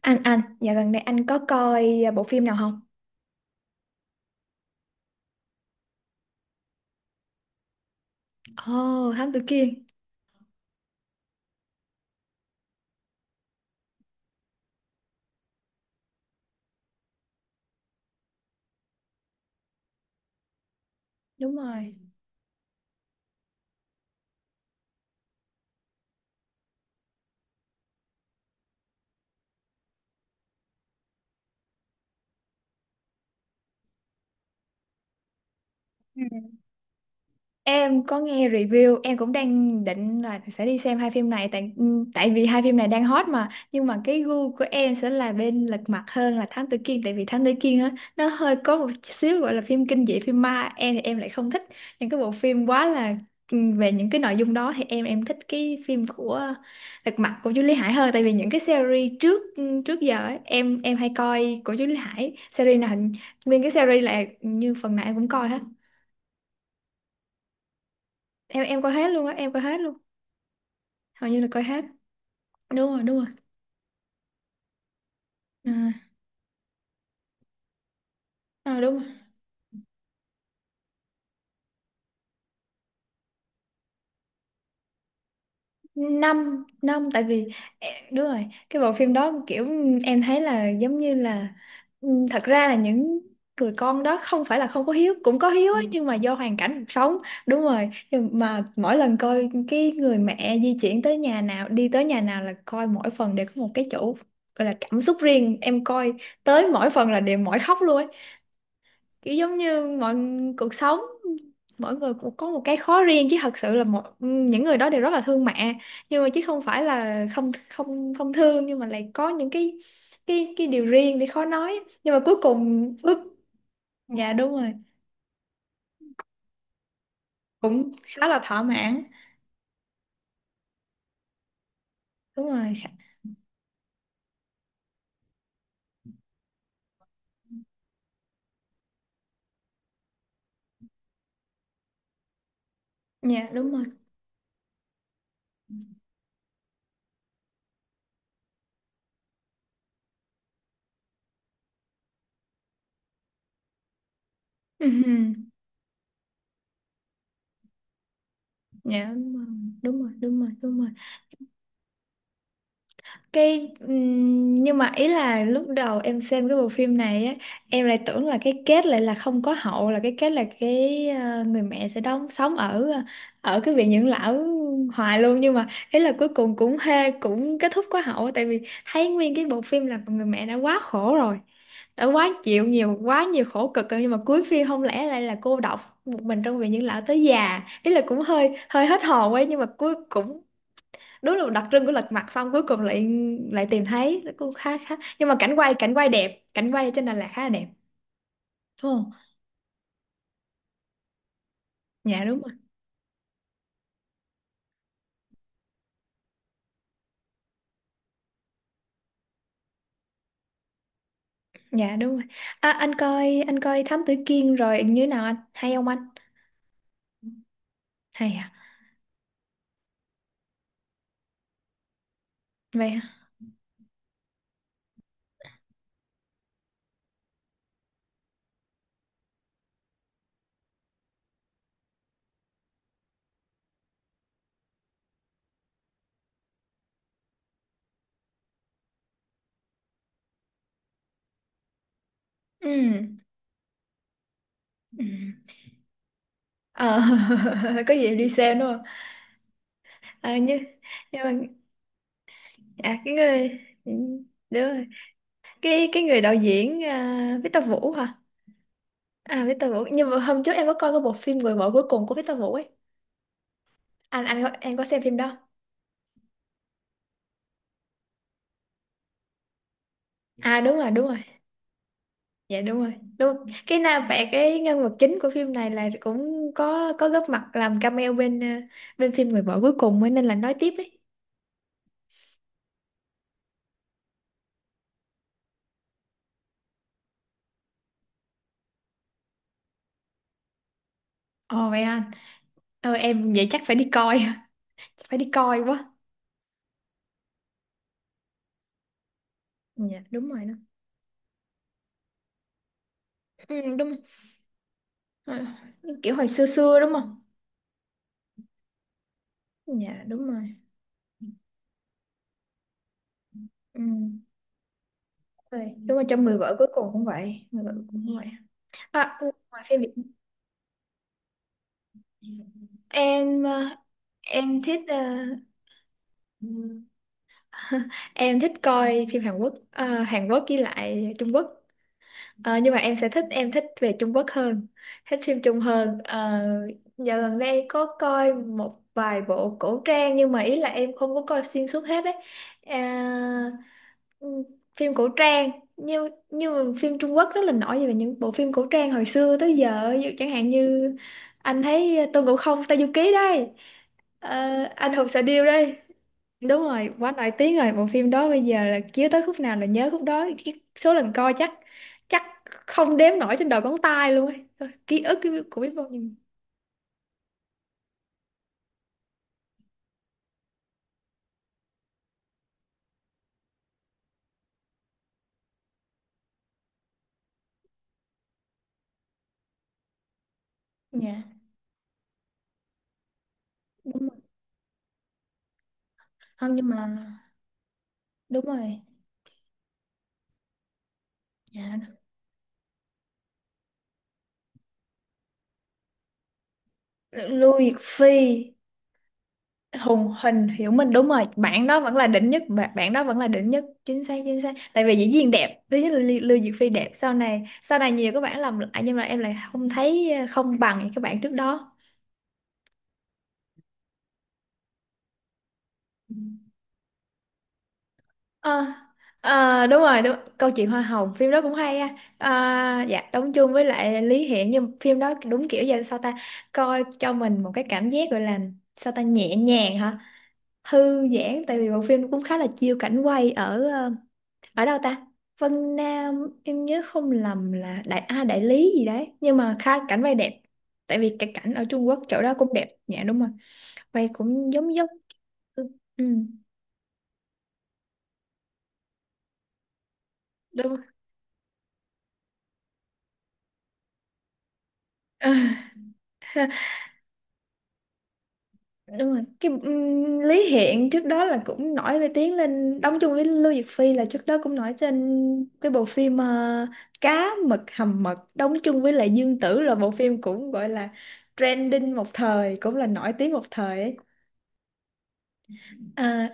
Anh dạo gần đây anh có coi bộ phim nào không? Ồ, Thám Tử Kiên. Đúng rồi. Em có nghe review, em cũng đang định là sẽ đi xem hai phim này tại vì hai phim này đang hot mà, nhưng mà cái gu của em sẽ là bên Lật Mặt hơn là Thám Tử Kiên, tại vì Thám Tử Kiên á, nó hơi có một xíu gọi là phim kinh dị, phim ma, em thì em lại không thích những cái bộ phim quá là về những cái nội dung đó. Thì em thích cái phim của Lật Mặt của Chú Lý Hải hơn, tại vì những cái series trước giờ ấy, em hay coi của Chú Lý Hải, nguyên cái series là như phần nào em cũng coi hết. Em coi hết luôn á, em coi hết luôn. Hầu như là coi hết. Đúng rồi, đúng rồi. À, à, đúng rồi. Năm, năm, tại vì đúng rồi, cái bộ phim đó kiểu em thấy là giống như là thật ra là những người con đó không phải là không có hiếu, cũng có hiếu ấy, Ừ. Nhưng mà do hoàn cảnh cuộc sống. Đúng rồi, nhưng mà mỗi lần coi cái người mẹ di chuyển tới nhà nào, đi tới nhà nào là coi mỗi phần đều có một cái chỗ gọi là cảm xúc riêng. Em coi tới mỗi phần là đều mỏi khóc luôn ấy. Kiểu giống như mọi cuộc sống, mỗi người cũng có một cái khó riêng chứ thật sự là một những người đó đều rất là thương mẹ, nhưng mà chứ không phải là không không không thương, nhưng mà lại có những cái cái điều riêng để khó nói, nhưng mà cuối cùng ước. Dạ đúng rồi. Cũng khá là thỏa mãn. Đúng rồi dạ đúng rồi. Ừm. Dạ đúng rồi, đúng rồi, đúng rồi, đúng rồi. Cái nhưng mà ý là lúc đầu em xem cái bộ phim này á, em lại tưởng là cái kết lại là không có hậu, là cái kết là cái người mẹ sẽ đóng sống ở cái viện dưỡng lão hoài luôn, nhưng mà ý là cuối cùng cũng kết thúc có hậu. Tại vì thấy nguyên cái bộ phim là người mẹ đã quá khổ rồi, đã quá chịu nhiều, quá nhiều khổ cực rồi, nhưng mà cuối phim không lẽ lại là cô độc một mình trong viện dưỡng lão tới già, ý là cũng hơi hơi hết hồn ấy. Nhưng mà cuối cũng đúng là đặc trưng của Lật Mặt, xong cuối cùng lại lại tìm thấy, nó cũng khá khá. Nhưng mà cảnh quay đẹp, cảnh quay trên Đà Lạt khá là đẹp, đúng không? Dạ đúng rồi. Dạ đúng rồi. À, anh coi Thám Tử Kiên rồi như thế nào anh, hay không anh? Hay à? Vậy hả? Ừ, ừ. Ờ, có gì đi xem đúng không? À, nhưng mà, à, cái người, ừ, đúng rồi, cái người đạo diễn, à, Victor Vũ hả? À, Victor Vũ, nhưng mà hôm trước em có coi cái bộ phim Người Vợ Cuối Cùng của Victor Vũ ấy. Anh có, em có xem phim đó. À đúng rồi, đúng rồi. Dạ đúng rồi. Đúng. Cái nam bạn cái nhân vật chính của phim này là cũng có góp mặt làm cameo bên phim Người Vợ Cuối Cùng ấy, nên là nói tiếp ấy. Ồ vậy anh. Ờ em vậy chắc phải đi coi, phải đi coi quá. Dạ đúng rồi đó. Ừ, đúng rồi. Ờ, kiểu hồi xưa xưa đúng không? Dạ đúng rồi. Ừ. Rồi. Đúng rồi, trong Người Vợ Cuối Cùng cũng vậy, Người Vợ Cuối Cùng cũng vậy. À, ngoài phim Việt em ờ, em thích ờ, Em thích coi phim Hàn Quốc, Hàn Quốc với lại Trung Quốc. Ờ, nhưng mà em sẽ thích em thích về Trung Quốc hơn, thích phim Trung hơn. Ờ, dạo gần đây em có coi một vài bộ cổ trang nhưng mà ý là em không có coi xuyên suốt hết đấy. À, ừm, phim cổ trang, nhưng mà phim Trung Quốc rất là nổi về những bộ phim cổ trang hồi xưa tới giờ. Ví dụ chẳng hạn như anh thấy Tôn Ngộ Không Tây Du Ký đây, ờ, Anh Hùng Xạ Điêu đây. Đúng rồi, quá nổi tiếng rồi. Bộ phim đó bây giờ là chiếu tới khúc nào là nhớ khúc đó. Cái số lần coi chắc chắc không đếm nổi trên đầu ngón tay luôn ấy. Thôi, ký ức của biết bao nhiêu. Dạ đúng rồi. Không, nhưng mà đúng rồi. Dạ. Lưu Diệc Phi, Hùng Hình, Hiểu Minh, đúng rồi. Bạn đó vẫn là đỉnh nhất, bạn bạn đó vẫn là đỉnh nhất, chính xác chính xác. Tại vì diễn viên đẹp, thứ nhất là Lưu Lưu Diệc Phi đẹp, sau này nhiều các bạn làm lại nhưng mà em lại không thấy không bằng những các bạn trước đó. Ờ, ờ, đúng rồi, đúng câu chuyện Hoa Hồng, phim đó cũng hay á. À, dạ, đóng chung với lại Lý Hiển, nhưng phim đó đúng kiểu giờ sao ta. Coi cho mình một cái cảm giác gọi là sao ta, nhẹ nhàng hả, thư giãn, tại vì bộ phim cũng khá là chiêu cảnh quay ở đâu ta, Vân Nam, em nhớ không lầm là Đại Lý gì đấy, nhưng mà khá cảnh quay đẹp, tại vì cái cảnh ở Trung Quốc chỗ đó cũng đẹp. Dạ đúng rồi, quay cũng giống giống. Ừ, ừ, đúng, đúng rồi, cái Lý Hiện trước đó là cũng nổi về tiếng lên đóng chung với Lưu Diệc Phi, là trước đó cũng nổi trên cái bộ phim Cá Mực Hầm Mật, đóng chung với lại Dương Tử, là bộ phim cũng gọi là trending một thời, cũng là nổi tiếng một thời ấy. À,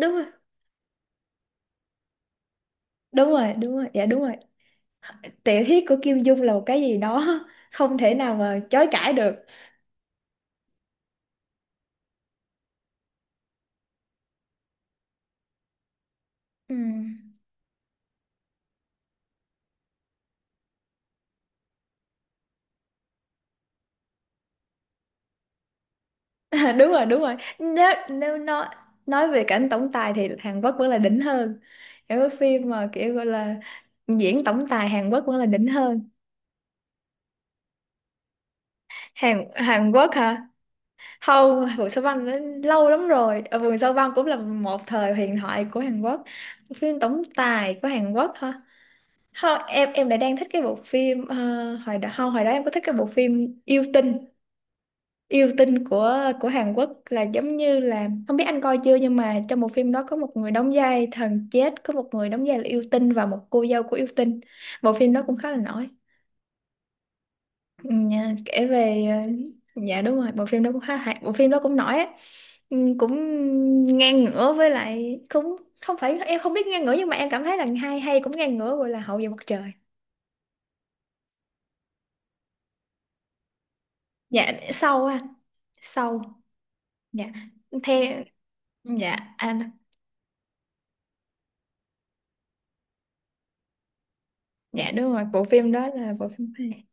đúng rồi, đúng rồi, đúng rồi, dạ đúng rồi. Tiểu thuyết của Kim Dung là một cái gì đó không thể nào mà chối cãi được. Ừ. À, đúng rồi, đúng rồi, nếu nếu nói về cảnh tổng tài thì Hàn Quốc vẫn là đỉnh hơn, kiểu cái phim mà kiểu gọi là diễn tổng tài Hàn Quốc vẫn là đỉnh hơn. Hàn Hàn Quốc hả? Không, Vườn Sao Băng nó lâu lắm rồi. Ờ, Vườn Sao Băng cũng là một thời huyền thoại của Hàn Quốc. Phim tổng tài của Hàn Quốc hả? Không, em lại đang thích cái bộ phim hồi đó, không, hồi đó em có thích cái bộ phim yêu tinh, yêu tinh của Hàn Quốc là giống như là không biết anh coi chưa, nhưng mà trong một phim đó có một người đóng vai thần chết, có một người đóng vai là yêu tinh, và một cô dâu của yêu tinh. Bộ phim đó cũng khá là nổi. Ừ, kể về dạ đúng rồi, bộ phim đó cũng khá hay, bộ phim đó cũng nổi á. Ừ, cũng ngang ngửa, với lại cũng không phải em không biết ngang ngửa, nhưng mà em cảm thấy là hay hay cũng ngang ngửa, gọi là Hậu Duệ Mặt Trời. Dạ sâu à, sâu. Dạ. Theo. Dạ. Anh. Dạ đúng rồi, bộ phim đó là bộ phim hay.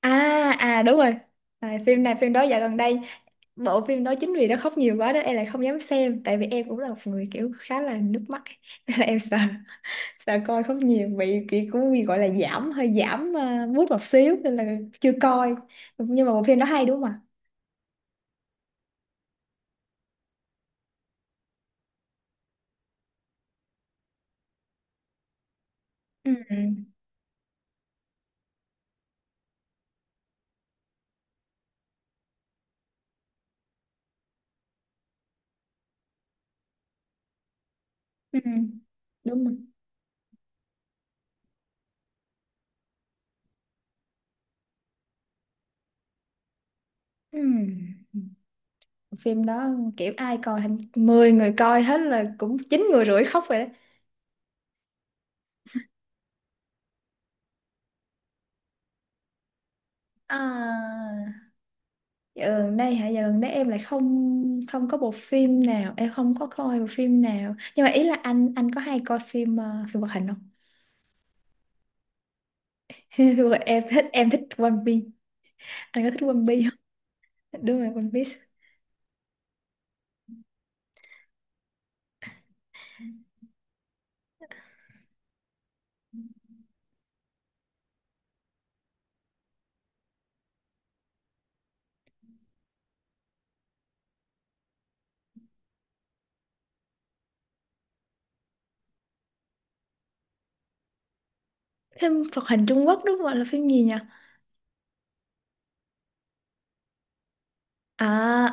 À, à, đúng rồi. À, phim này, phim đó dạo gần đây, bộ phim đó chính vì nó khóc nhiều quá đó em lại không dám xem, tại vì em cũng là một người kiểu khá là nước mắt ấy. Nên là em sợ sợ coi khóc nhiều bị kiểu cũng bị gọi là giảm, hơi giảm mút một xíu nên là chưa coi, nhưng mà bộ phim đó hay đúng không ạ? Ừ, ừ, ừ, đúng rồi. Ừ. Phim đó kiểu ai coi hình, 10 người coi hết là cũng chín người rưỡi khóc rồi đấy. À, dạo gần đây hả? Dạo gần đây em lại không không có bộ phim nào, em không có coi bộ phim nào. Nhưng mà ý là anh có hay coi phim phim hoạt hình không? Phim hoạt- em thích One Piece. Anh có thích One Piece không? Dạ, đúng rồi, One Piece. Phim hoạt hình Trung Quốc đúng không? Là phim gì nhỉ? À,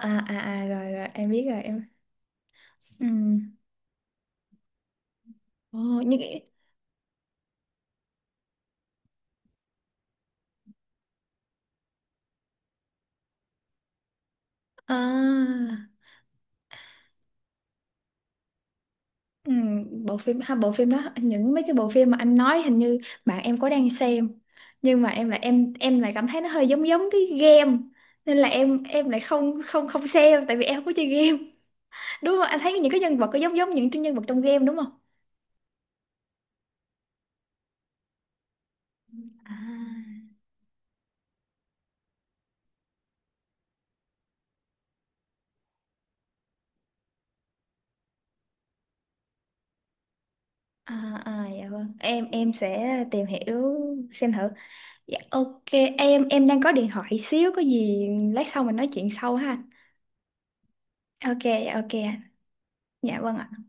à, à, à, rồi, rồi em biết rồi em. Ừ. Ồ, như cái, à. Ừ, bộ phim ha, bộ phim đó, những mấy cái bộ phim mà anh nói hình như bạn em có đang xem, nhưng mà em lại cảm thấy nó hơi giống giống cái game, nên là em lại không không không xem, tại vì em không có chơi game. Đúng không, anh thấy những cái nhân vật có giống giống những nhân vật trong game đúng không? À, à, à dạ vâng, em sẽ tìm hiểu xem thử. Dạ ok, em đang có điện thoại xíu, có gì lát sau mình nói chuyện sau ha. Ok dạ, ok. Dạ vâng ạ.